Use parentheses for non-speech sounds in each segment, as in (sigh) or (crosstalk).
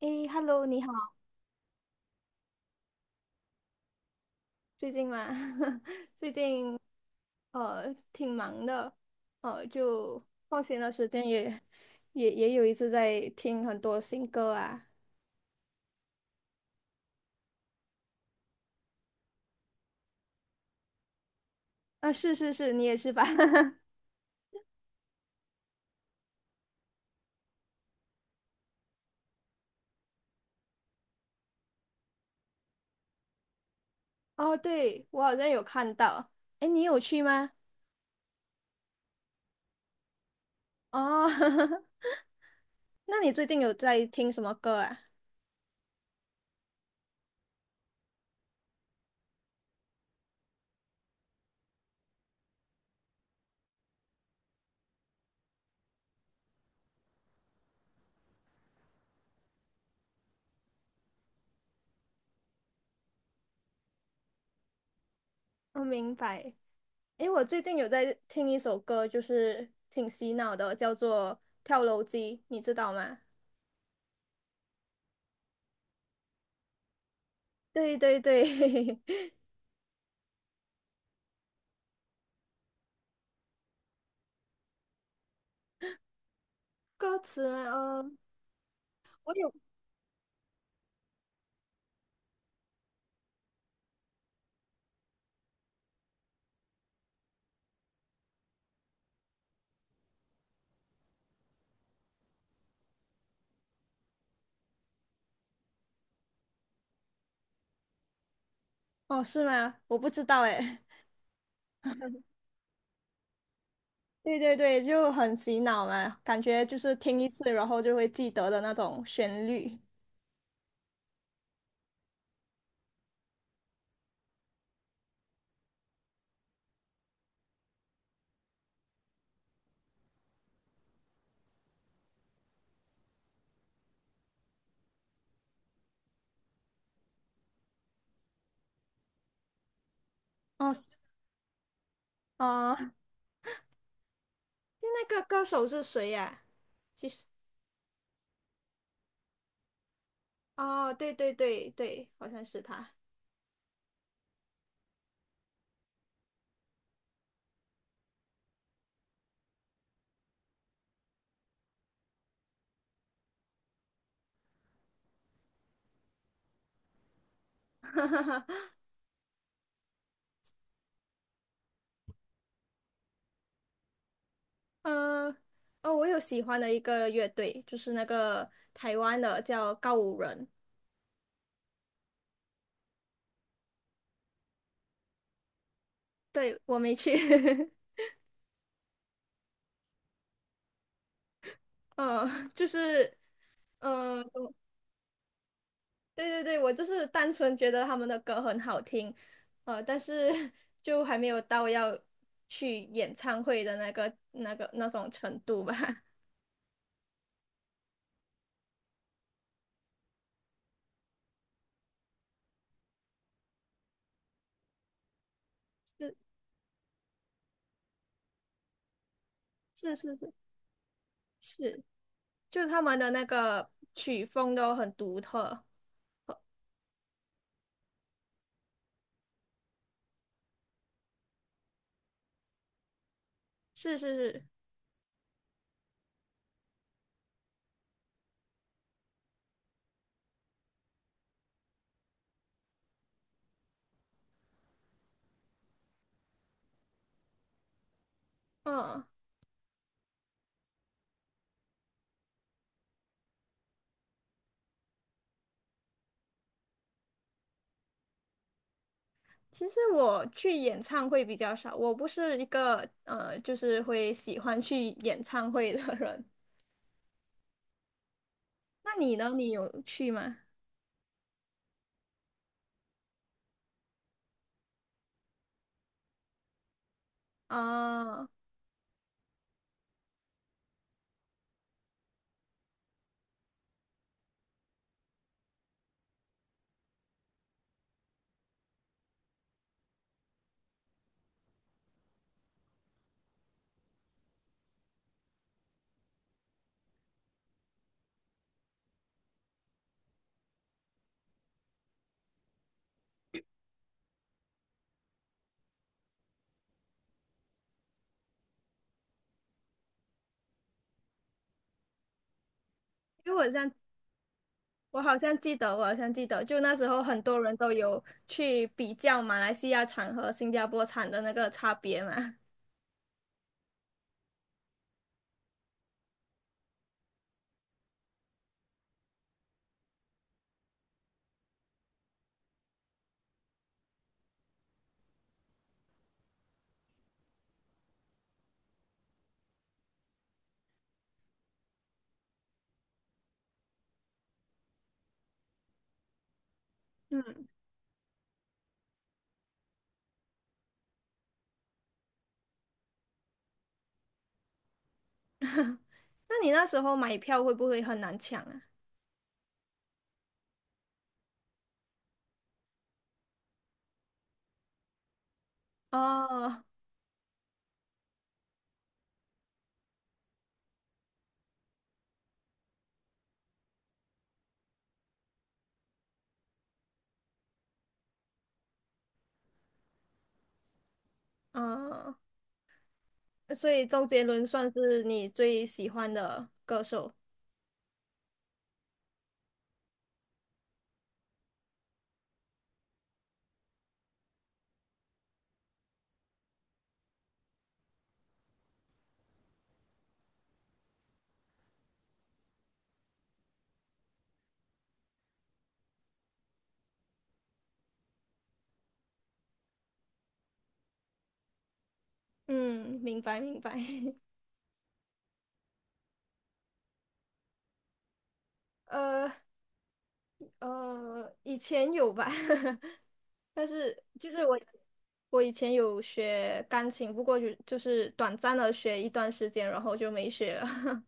诶，Hello，你好，最近吗？(laughs) 最近挺忙的，呃就放闲的时间也有一次在听很多新歌啊。啊，是是是，你也是吧？(laughs) 哦，对，我好像有看到。诶，你有去吗？哦，(laughs) 那你最近有在听什么歌啊？我明白。诶，我最近有在听一首歌，就是挺洗脑的，叫做《跳楼机》，你知道吗？对对对，(laughs) 歌词，嗯，我有，哦，是吗？我不知道哎。(laughs) 对对对，就很洗脑嘛，感觉就是听一次，然后就会记得的那种旋律。哦，是哦，那个歌手是谁呀、其实，哦，对对对对，好像是他。(laughs) 嗯，哦，我有喜欢的一个乐队，就是那个台湾的叫告五人。对，我没去。(laughs) 嗯，就是，呃对对对，我就是单纯觉得他们的歌很好听，呃，但是 (laughs) 就还没有到要去演唱会的那个那种程度吧。(laughs) 是是是是是，就他们的那个曲风都很独特。是是是，嗯，其实我去演唱会比较少，我不是一个，就是会喜欢去演唱会的人。那你呢？你有去吗？啊，因为我像我好像记得，我好像记得，就那时候很多人都有去比较马来西亚产和新加坡产的那个差别嘛。嗯，(laughs) 那你那时候买票会不会很难抢啊？哦，嗯，所以周杰伦算是你最喜欢的歌手。嗯，明白明白。(laughs) 呃，以前有吧，(laughs) 但是就是我我以前有学钢琴，不过就是短暂的学一段时间，然后就没学了。(laughs)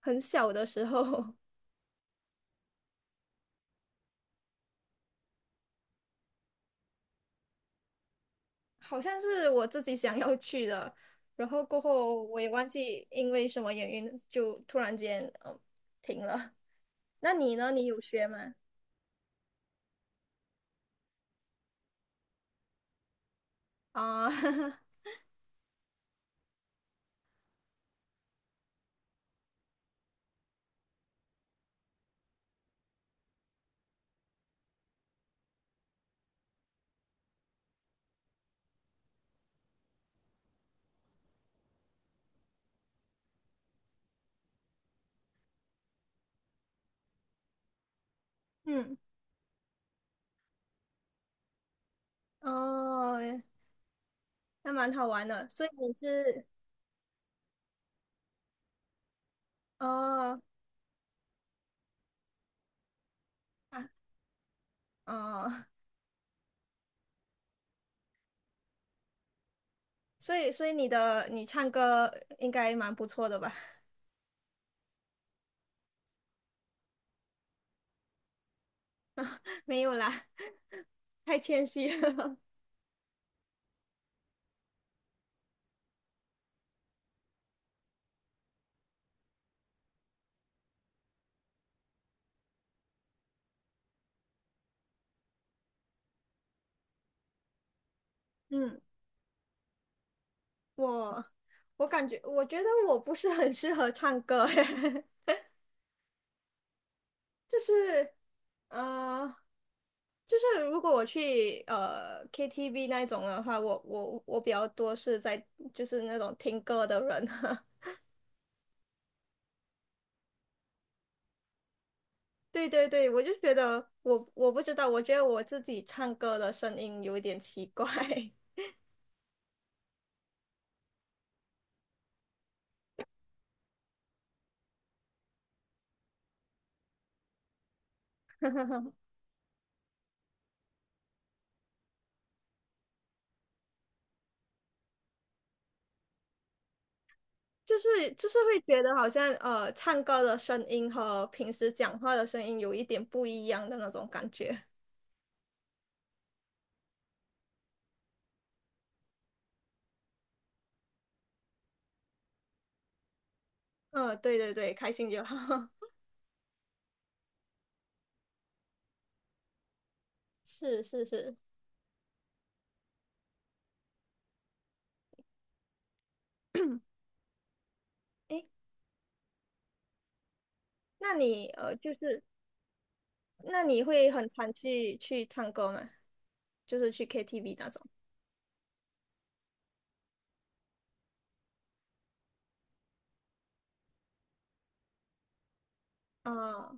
很小的时候，(laughs) 好像是我自己想要去的，然后过后我也忘记因为什么原因就突然间停了。那你呢？你有学吗？啊、(laughs) 嗯，哦，那蛮好玩的。所以你是哦啊哦，所以你的你唱歌应该蛮不错的吧？(laughs) 没有啦，太谦虚了。(laughs) 嗯，我我感觉我觉得我不是很适合唱歌。(laughs) 就是呃，就是如果我去KTV 那一种的话，我比较多是在就是那种听歌的人啊。(laughs) 对对对，我就觉得我不知道，我觉得我自己唱歌的声音有一点奇怪。(laughs) 就是会觉得好像，唱歌的声音和平时讲话的声音有一点不一样的那种感觉。嗯、对对对，开心就好。(laughs) 是是是，诶，那你呃，就是那你会很常去唱歌吗？就是去 KTV 那种？啊、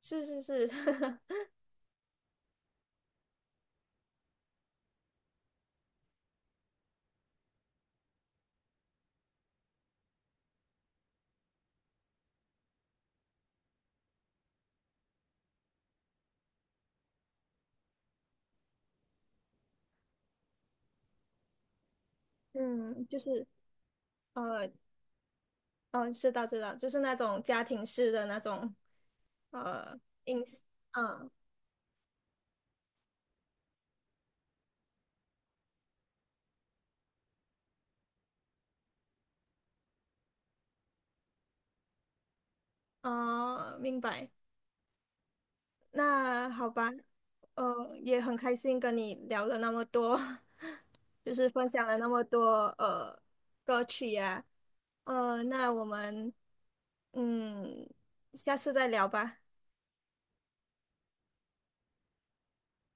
是是是，(laughs) 嗯，呃，嗯，知道知道，就是那种家庭式的那种呃音，嗯哦，明白。那好吧，呃，也很开心跟你聊了那么多，(laughs) 就是分享了那么多歌曲呀、呃，那我们嗯下次再聊吧，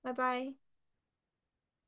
拜拜。